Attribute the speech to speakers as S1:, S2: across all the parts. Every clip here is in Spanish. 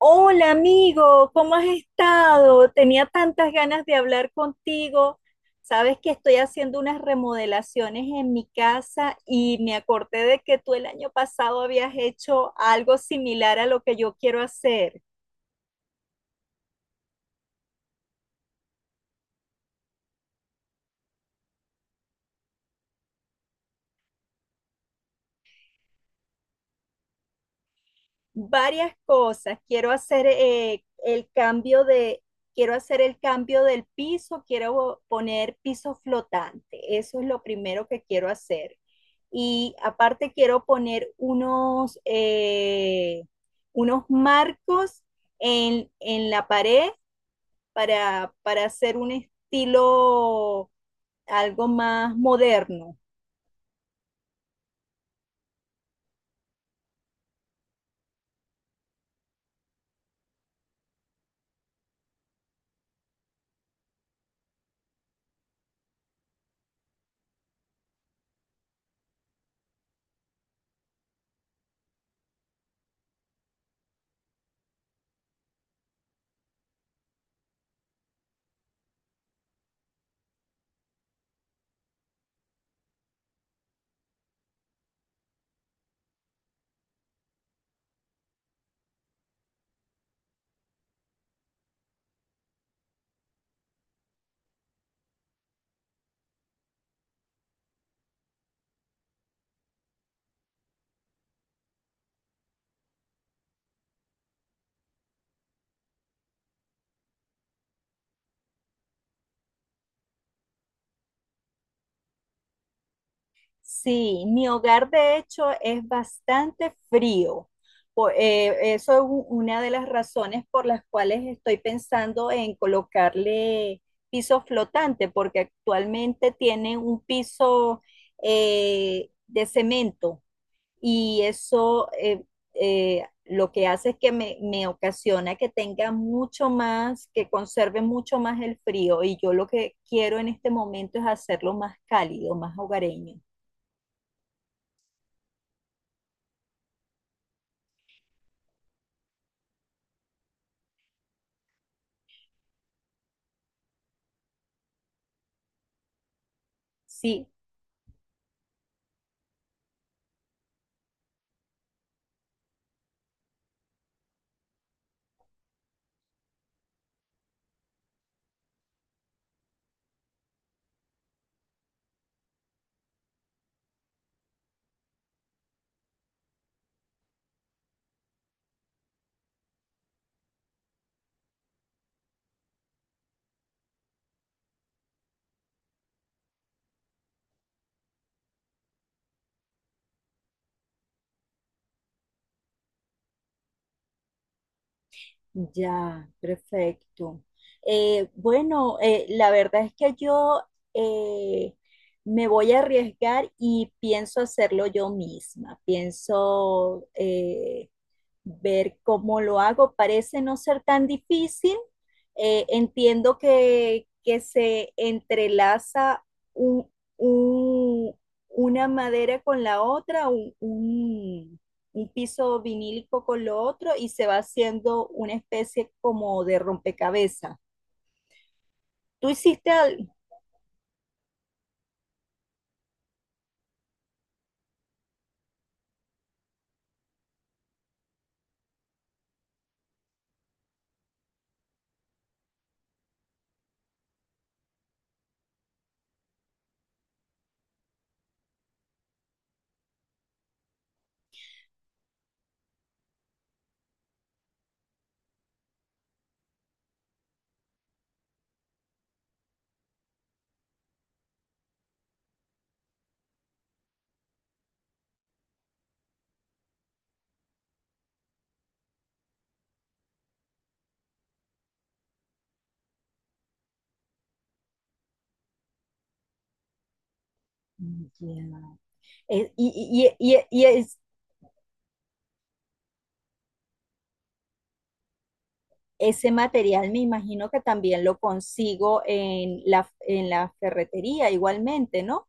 S1: Hola amigo, ¿cómo has estado? Tenía tantas ganas de hablar contigo. Sabes que estoy haciendo unas remodelaciones en mi casa y me acordé de que tú el año pasado habías hecho algo similar a lo que yo quiero hacer. Varias cosas. Quiero hacer el cambio de, quiero hacer el cambio del piso, quiero poner piso flotante. Eso es lo primero que quiero hacer. Y aparte quiero poner unos marcos en la pared para hacer un estilo algo más moderno. Sí, mi hogar de hecho es bastante frío. Eso es una de las razones por las cuales estoy pensando en colocarle piso flotante, porque actualmente tiene un piso de cemento y eso lo que hace es que me ocasiona que tenga mucho más, que conserve mucho más el frío, y yo lo que quiero en este momento es hacerlo más cálido, más hogareño. Sí. Ya, perfecto. Bueno, la verdad es que yo eh, me voy a arriesgar y pienso hacerlo yo misma. Pienso ver cómo lo hago. Parece no ser tan difícil. Entiendo que se entrelaza un- un- una madera con la otra, un piso vinílico con lo otro y se va haciendo una especie como de rompecabezas. Tú hiciste algo. Eh, Y, y- y- y es- Ese material me imagino que también lo consigo en en la ferretería igualmente, ¿no?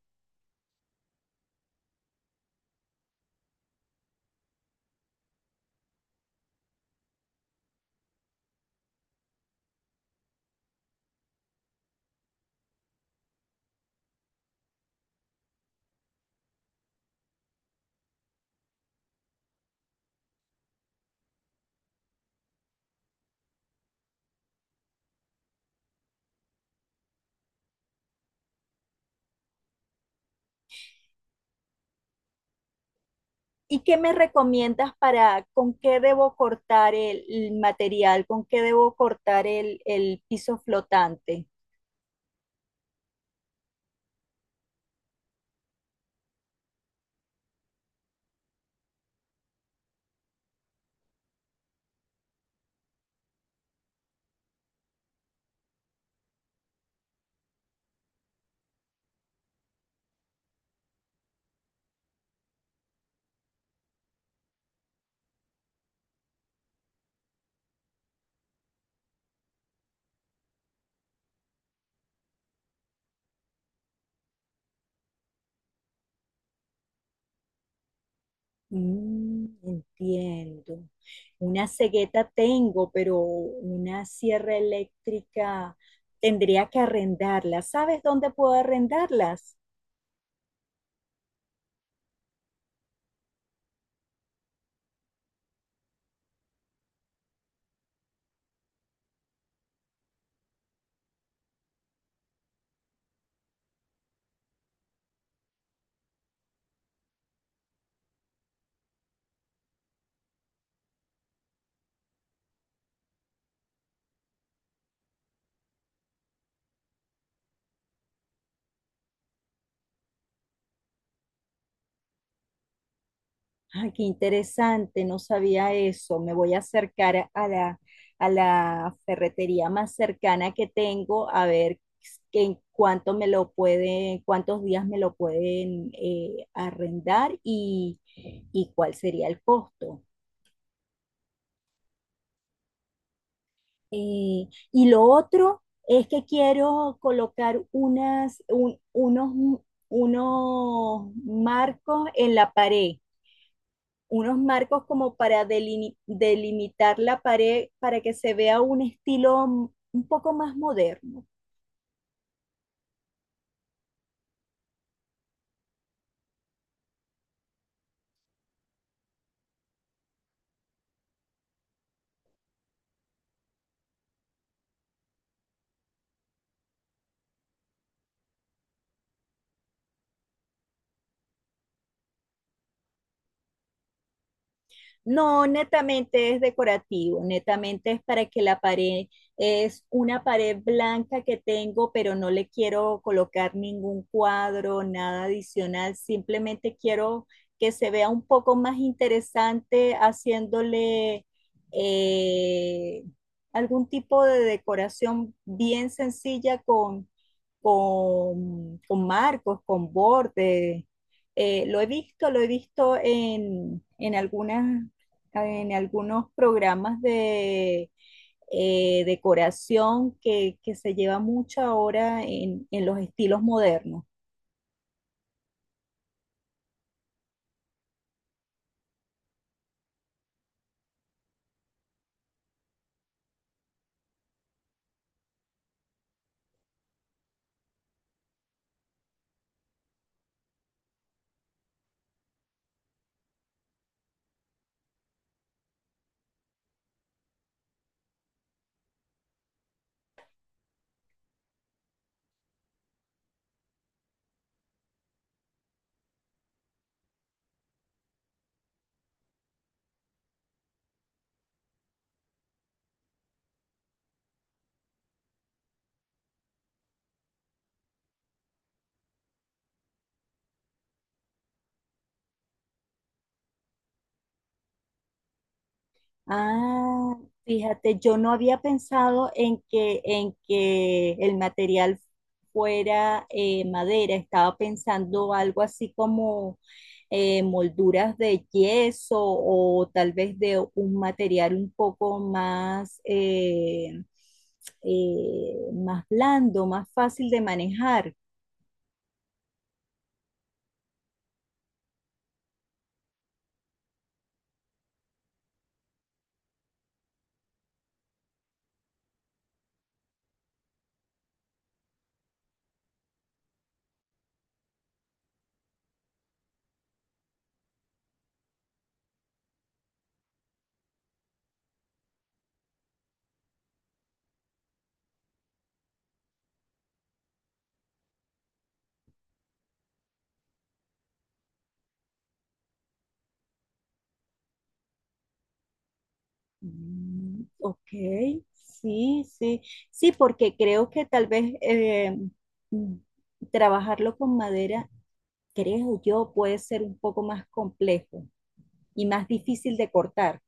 S1: ¿Y qué me recomiendas para con qué debo cortar el material, con qué debo cortar el piso flotante? Mm, entiendo. Una cegueta tengo, pero una sierra eléctrica tendría que arrendarla. ¿Sabes dónde puedo arrendarlas? Ah, qué interesante, no sabía eso. Me voy a acercar a la ferretería más cercana que tengo, a ver que en cuánto me lo pueden, cuántos días me lo pueden arrendar, y cuál sería el costo. Y lo otro es que quiero colocar unos marcos en la pared, unos marcos como para delimitar la pared para que se vea un estilo un poco más moderno. No, netamente es decorativo, netamente es para que la pared, es una pared blanca que tengo, pero no le quiero colocar ningún cuadro, nada adicional, simplemente quiero que se vea un poco más interesante haciéndole eh, algún tipo de decoración bien sencilla con marcos, con bordes. Lo he visto en algunas en algunos programas de decoración se lleva mucho ahora en los estilos modernos. Ah, fíjate, yo no había pensado en en que el material fuera madera, estaba pensando algo así como molduras de yeso o tal vez de un material un poco más, más blando, más fácil de manejar. Mm, ok, sí, sí, sí, porque creo que tal vez mm, trabajarlo con madera, creo yo, puede ser un poco más complejo y más difícil de cortar.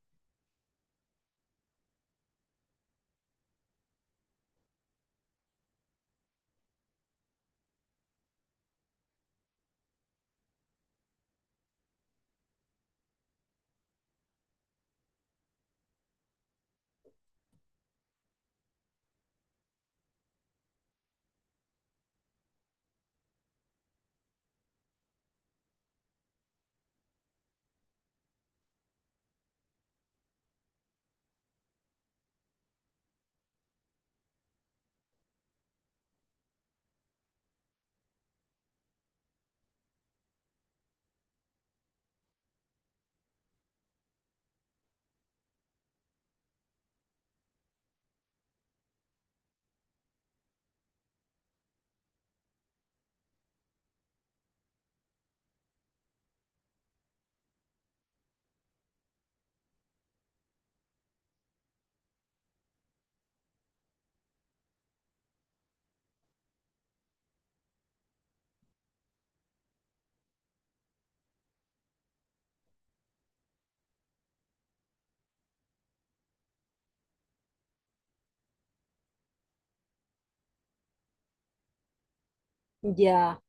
S1: Ya.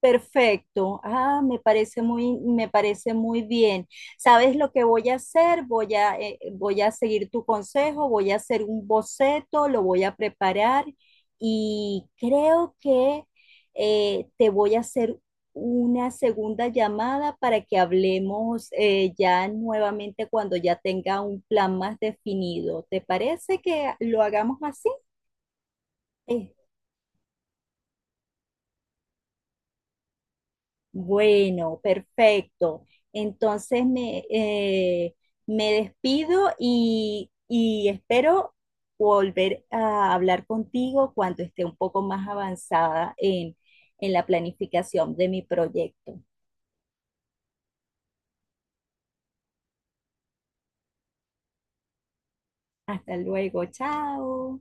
S1: Perfecto. Ah, me parece muy bien. ¿Sabes lo que voy a hacer? Voy a seguir tu consejo, voy a hacer un boceto, lo voy a preparar y creo que te voy a hacer una segunda llamada para que hablemos ya nuevamente cuando ya tenga un plan más definido. ¿Te parece que lo hagamos así? Bueno, perfecto. Entonces me, eh, me despido y espero volver a hablar contigo cuando esté un poco más avanzada en la planificación de mi proyecto. Hasta luego, chao.